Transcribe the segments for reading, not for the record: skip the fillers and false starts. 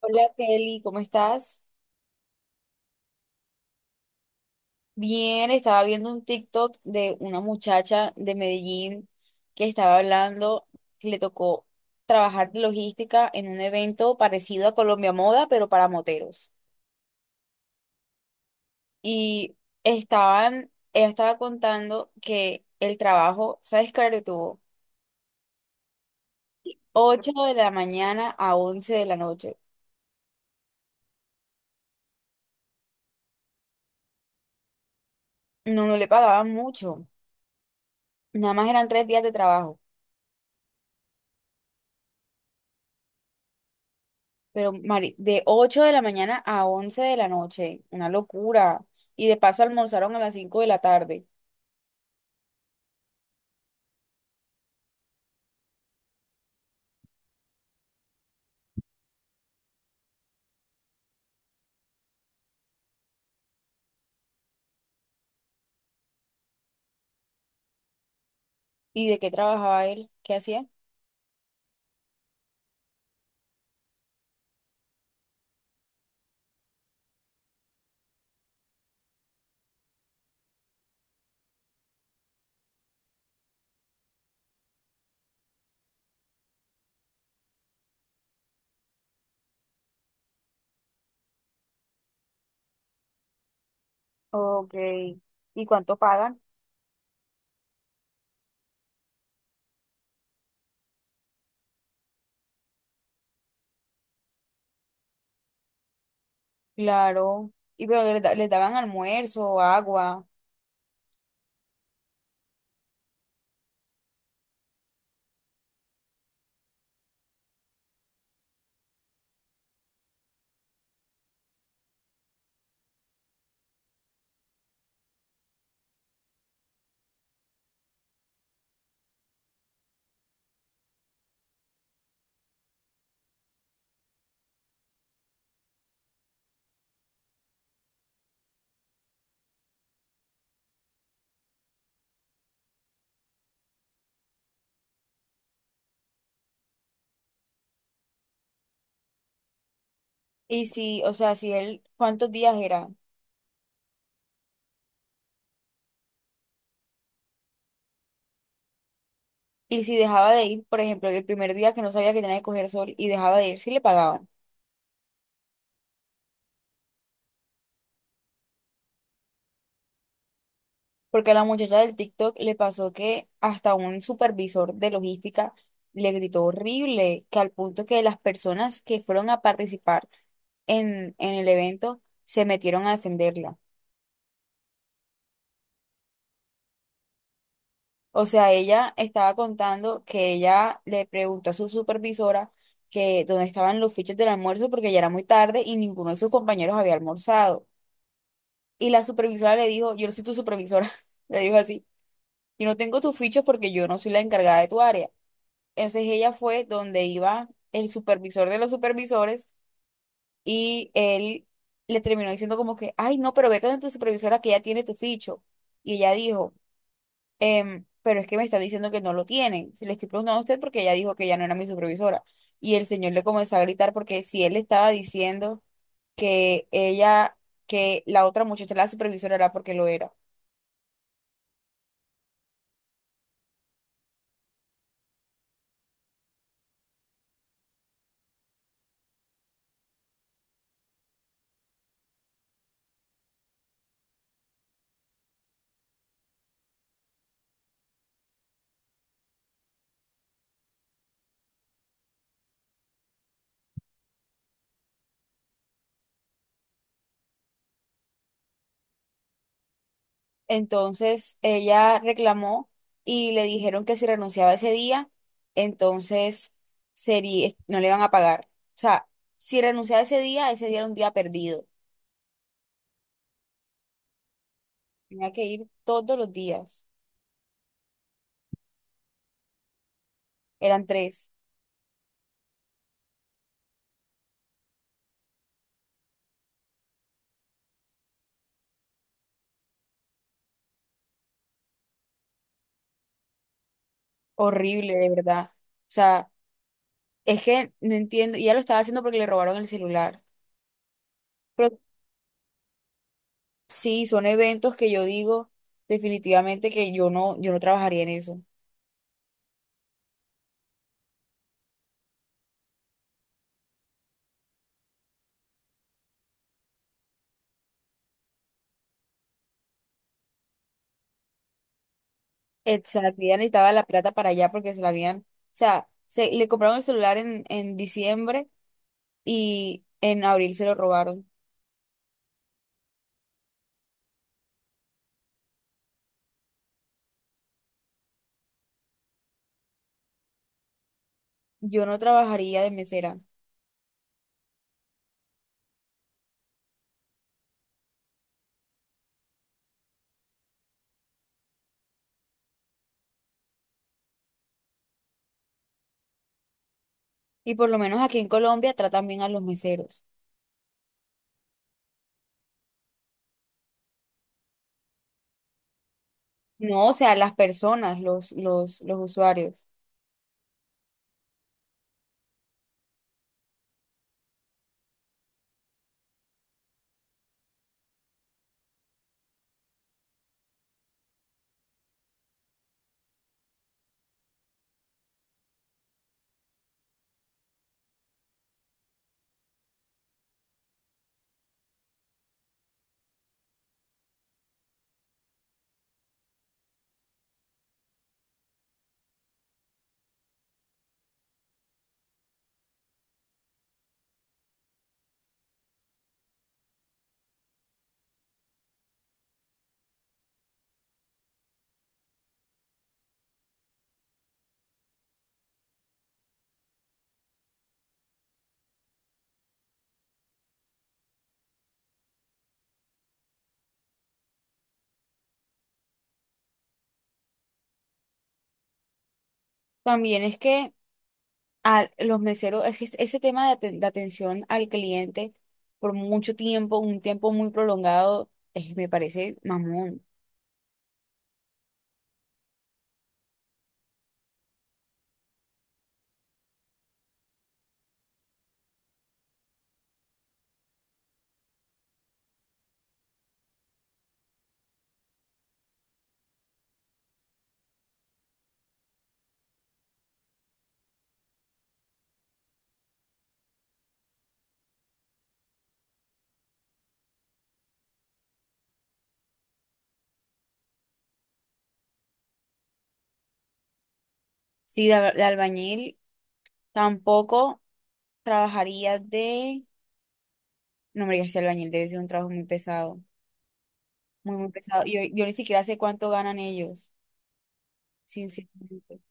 Hola Kelly, ¿cómo estás? Bien, estaba viendo un TikTok de una muchacha de Medellín que estaba hablando, que le tocó trabajar de logística en un evento parecido a Colombia Moda, pero para moteros. Y estaban, ella estaba contando que el trabajo, ¿sabes qué hora tuvo? 8 de la mañana a 11 de la noche. No, no le pagaban mucho, nada más eran 3 días de trabajo. Pero, Mari, de 8 de la mañana a 11 de la noche, una locura. Y de paso almorzaron a las 5 de la tarde. ¿Y de qué trabajaba él? ¿Qué hacía? Ok. ¿Y cuánto pagan? Claro. Y pero les, les daban almuerzo, agua. Y si, o sea, si él, ¿cuántos días era? Y si dejaba de ir, por ejemplo, el primer día que no sabía que tenía que coger sol y dejaba de ir, sí le pagaban. Porque a la muchacha del TikTok le pasó que hasta un supervisor de logística le gritó horrible, que al punto que las personas que fueron a participar en el evento se metieron a defenderla. O sea, ella estaba contando que ella le preguntó a su supervisora que dónde estaban los fichos del almuerzo porque ya era muy tarde y ninguno de sus compañeros había almorzado. Y la supervisora le dijo, yo no soy tu supervisora, le dijo así, yo no tengo tus fichos porque yo no soy la encargada de tu área. Entonces ella fue donde iba el supervisor de los supervisores y él le terminó diciendo como que, ay, no, pero vete donde tu supervisora que ya tiene tu ficho. Y ella dijo, "Em, pero es que me está diciendo que no lo tiene. Se le estoy preguntando a usted porque ella dijo que ya no era mi supervisora. Y el señor le comenzó a gritar porque si él le estaba diciendo que ella, que la otra muchacha, la supervisora, era porque lo era. Entonces ella reclamó y le dijeron que si renunciaba ese día, entonces sería, no le iban a pagar. O sea, si renunciaba ese día era un día perdido. Tenía que ir todos los días. Eran tres. Horrible, de verdad. O sea, es que no entiendo. Y ella lo estaba haciendo porque le robaron el celular. Pero sí, son eventos que yo digo definitivamente que yo no, yo no trabajaría en eso. Exacto, ya necesitaba la plata para allá porque se la habían, o sea, se, le compraron el celular en diciembre y en abril se lo robaron. Yo no trabajaría de mesera. Y por lo menos aquí en Colombia tratan bien a los meseros. No, o sea, las personas, los usuarios. También es que a los meseros, es que ese tema de, de atención al cliente por mucho tiempo, un tiempo muy prolongado, me parece mamón. Sí, de, de albañil tampoco. Trabajaría de... No, hombre, ya sea albañil debe ser un trabajo muy pesado. Muy, muy pesado. Yo ni siquiera sé cuánto ganan ellos, sinceramente.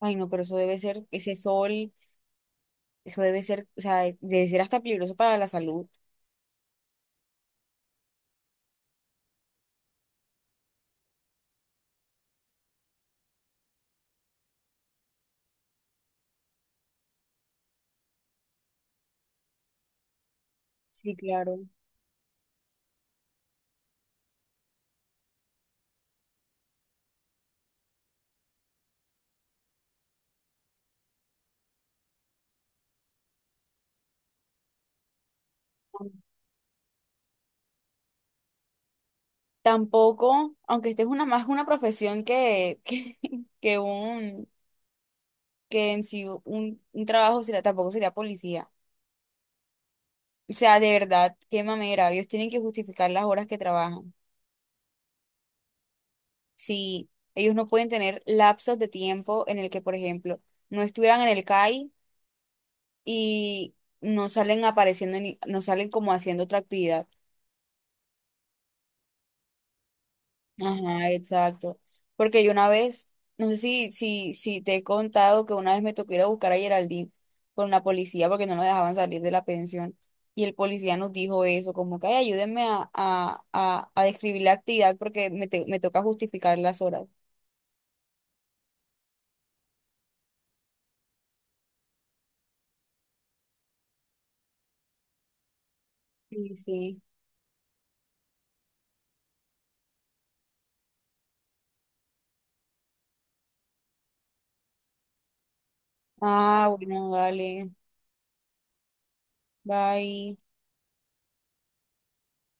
Ay, no, pero eso debe ser, ese sol, eso debe ser, o sea, debe ser hasta peligroso para la salud. Sí, claro. Tampoco, aunque esta es una más una profesión que, que un, que en sí un trabajo sería tampoco sería policía. O sea, de verdad, qué mamera. Ellos tienen que justificar las horas que trabajan. Si ellos no pueden tener lapsos de tiempo en el que, por ejemplo, no estuvieran en el CAI y no salen apareciendo, ni, no salen como haciendo otra actividad. Ajá, exacto. Porque yo una vez, no sé si te he contado que una vez me tocó ir a buscar a Geraldine con la policía porque no nos dejaban salir de la pensión. Y el policía nos dijo eso, como que "Ay, ayúdenme a describir la actividad porque me, me toca justificar las horas. Sí, sí. Ah, bueno, dale. Bye.